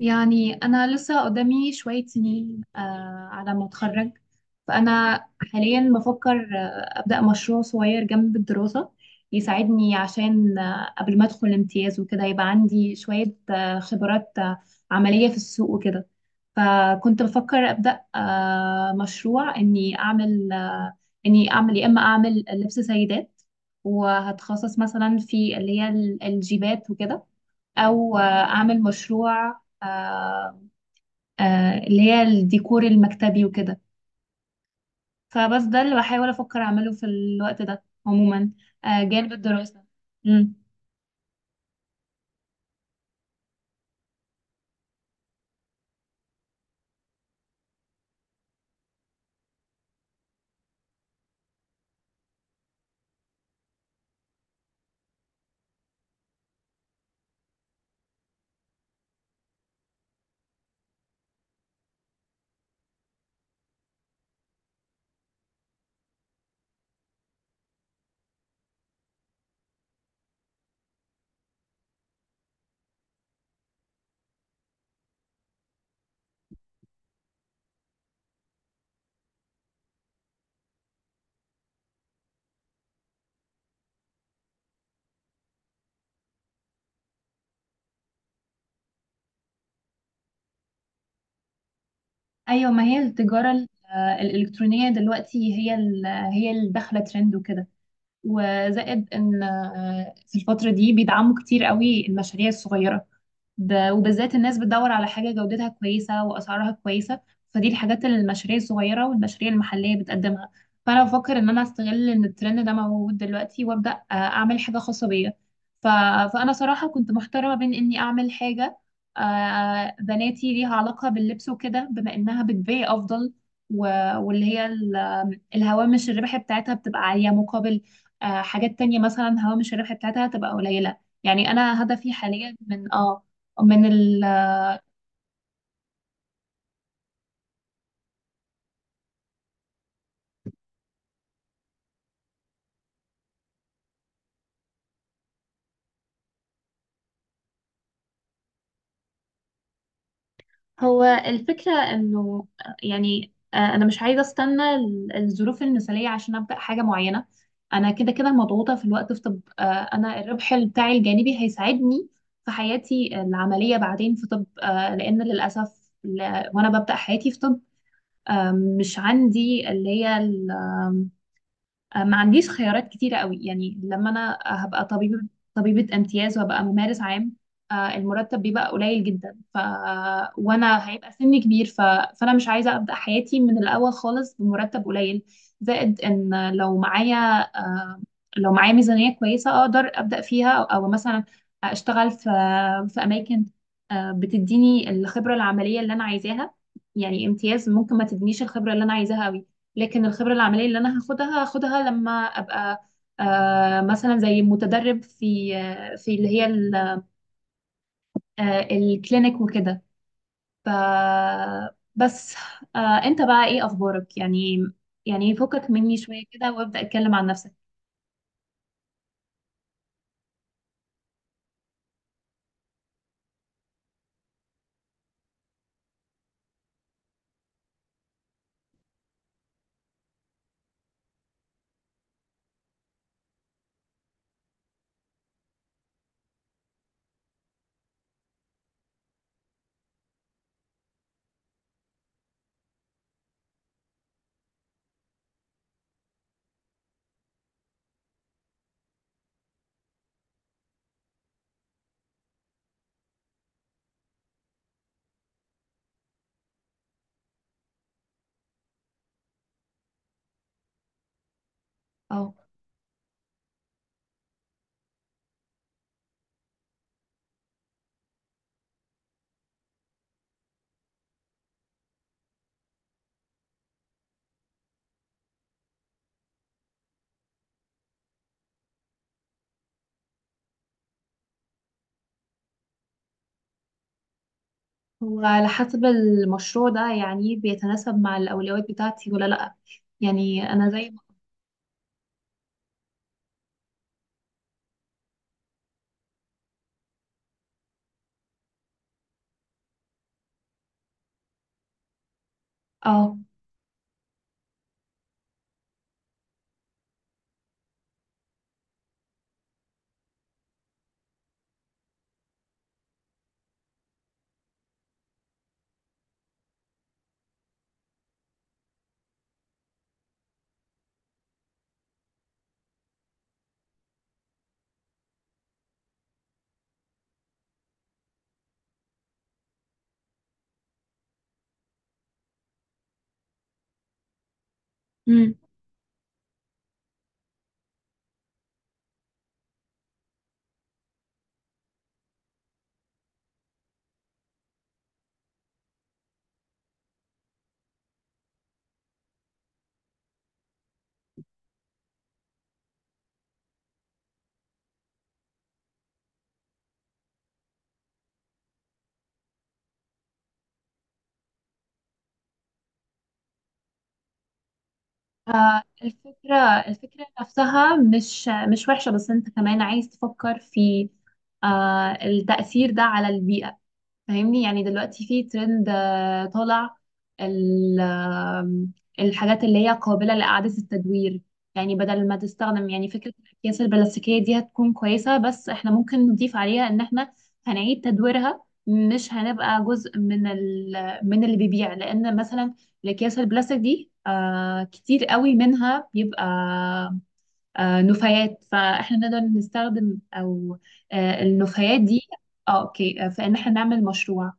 يعني أنا لسه قدامي شوية سنين على ما أتخرج. فأنا حاليا بفكر أبدأ مشروع صغير جنب الدراسة يساعدني، عشان قبل ما أدخل امتياز وكده يبقى عندي شوية خبرات عملية في السوق وكده. فكنت بفكر أبدأ مشروع، إني أعمل يا إما أعمل لبس سيدات، وهتخصص مثلا في اللي هي الجيبات وكده، او اعمل مشروع آه، اللي هي الديكور المكتبي وكده. فبس ده اللي بحاول افكر اعمله في الوقت ده عموما، جانب الدراسة. مم. ايوه، ما هي التجارة الالكترونية دلوقتي هي اللي داخلة ترند وكده. وزائد ان في الفترة دي بيدعموا كتير قوي المشاريع الصغيرة، وبالذات الناس بتدور على حاجة جودتها كويسة وأسعارها كويسة، فدي الحاجات اللي المشاريع الصغيرة والمشاريع المحلية بتقدمها. فأنا بفكر إن أنا أستغل إن الترند ده موجود دلوقتي، وأبدأ أعمل حاجة خاصة بيا. ف... فأنا صراحة كنت محتارة ما بين إني أعمل حاجة بناتي ليها علاقة باللبس وكده، بما إنها بتبيع أفضل، و... واللي هي الهوامش الربح بتاعتها بتبقى عالية، مقابل حاجات تانية، مثلا هوامش الربح بتاعتها تبقى قليلة. يعني أنا هدفي حاليا من اه من ال هو الفكرة، إنه يعني، أنا مش عايزة أستنى الظروف المثالية عشان أبدأ حاجة معينة. أنا كده كده مضغوطة في الوقت في طب، أنا الربح بتاعي الجانبي هيساعدني في حياتي العملية بعدين في طب، لأن للأسف، وأنا ببدأ حياتي في طب، آه، مش عندي اللي هي آه، ما عنديش خيارات كتيرة قوي. يعني لما أنا هبقى طبيبة، طبيبة امتياز، وهبقى ممارس عام، المرتب بيبقى قليل جدا. وانا هيبقى سني كبير. فانا مش عايزه ابدا حياتي من الاول خالص بمرتب قليل. زائد ان آه، لو معايا ميزانيه كويسه اقدر ابدا فيها، او مثلا اشتغل في اماكن بتديني الخبره العمليه اللي انا عايزاها. يعني امتياز ممكن ما تدينيش الخبره اللي انا عايزاها قوي، لكن الخبرة العملية اللي أنا هاخدها هاخدها لما أبقى مثلا زي متدرب في اللي هي الكلينيك وكده. ف بس، آه، أنت بقى إيه أخبارك يعني فكك مني شوية كده وابدأ اتكلم عن نفسك. اه. هو على حسب المشروع ده يعني بيتناسب مع الأولويات بتاعتي ولا لأ. يعني أنا زي اه آه، الفكرة الفكرة نفسها مش وحشة، بس انت كمان عايز تفكر في التأثير ده على البيئة. فاهمني، يعني دلوقتي في ترند طالع، ال- آم، الحاجات اللي هي قابلة لإعادة التدوير. يعني بدل ما تستخدم، يعني فكرة الأكياس البلاستيكية دي هتكون كويسة، بس احنا ممكن نضيف عليها إن احنا هنعيد تدويرها، مش هنبقى جزء من ال من اللي بيبيع. لأن مثلا الأكياس البلاستيك دي كتير قوي منها بيبقى نفايات، فاحنا نقدر نستخدم، أو النفايات دي. اه، اوكي. فإن احنا نعمل مشروع.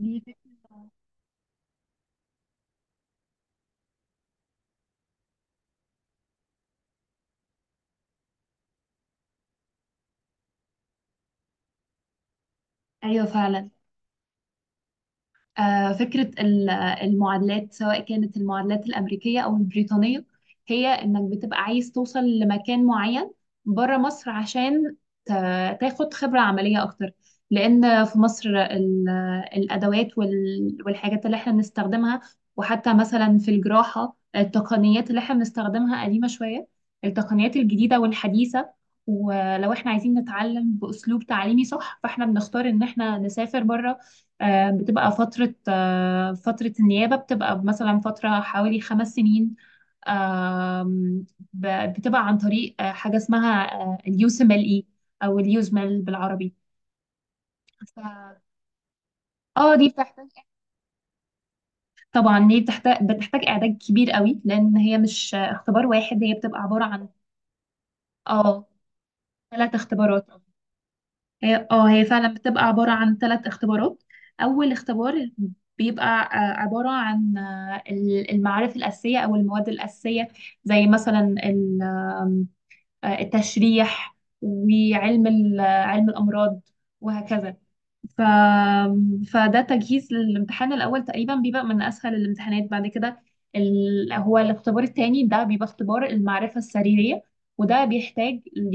دي فكرة. ايوه، فعلا. فكرة المعادلات، سواء كانت المعادلات الأمريكية أو البريطانية، هي إنك بتبقى عايز توصل لمكان معين بره مصر، عشان تاخد خبرة عملية أكتر. لأن في مصر الأدوات والحاجات اللي إحنا بنستخدمها، وحتى مثلا في الجراحة التقنيات اللي إحنا بنستخدمها قديمة شوية. التقنيات الجديدة والحديثة، ولو إحنا عايزين نتعلم بأسلوب تعليمي صح، فإحنا بنختار إن إحنا نسافر بره. بتبقى فترة النيابة بتبقى مثلا فترة حوالي 5 سنين. آم، بتبقى عن طريق حاجة اسمها اليوسملئي أو اليوزمل بالعربي. ف... اه، دي بتحتاج. طبعا دي بتحتاج إعداد كبير قوي، لأن هي مش اختبار واحد، هي بتبقى عبارة عن... اه، 3 اختبارات. هي فعلا بتبقى عبارة عن 3 اختبارات. أول اختبار بيبقى عبارة عن المعارف الأساسية أو المواد الأساسية، زي مثلا ال- آم، آه، التشريح، وعلم ال- آه، علم الأمراض، وهكذا. ف... فده تجهيز للامتحان الأول، تقريبا بيبقى من أسهل الامتحانات. بعد كده، هو الاختبار التاني ده بيبقى اختبار المعرفة السريرية، وده بيحتاج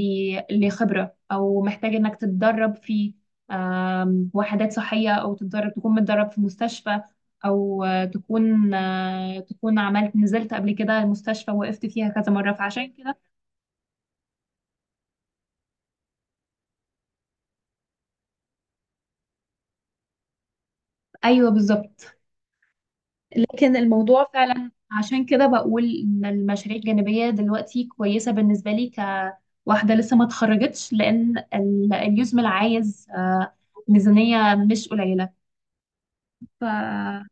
لخبرة، أو محتاج إنك تتدرب في وحدات صحية، أو تتدرب تكون متدرب في مستشفى، أو تكون عملت نزلت قبل كده المستشفى وقفت فيها كذا مرة، فعشان كده. أيوه، بالظبط. لكن الموضوع فعلا عشان كده بقول ان المشاريع الجانبية دلوقتي كويسة بالنسبة لي، كواحدة لسه ما اتخرجتش، لان اليوزمل عايز ميزانية مش قليلة. ف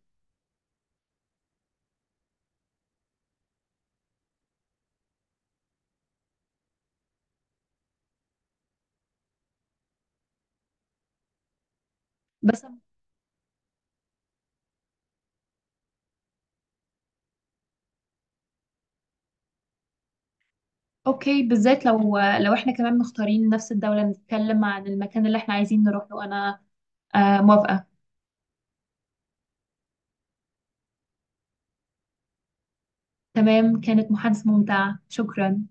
بس، اوكي، بالذات لو احنا كمان مختارين نفس الدولة، نتكلم عن المكان اللي احنا عايزين نروح له. انا موافقة. تمام، كانت محادثة ممتعة، شكرا.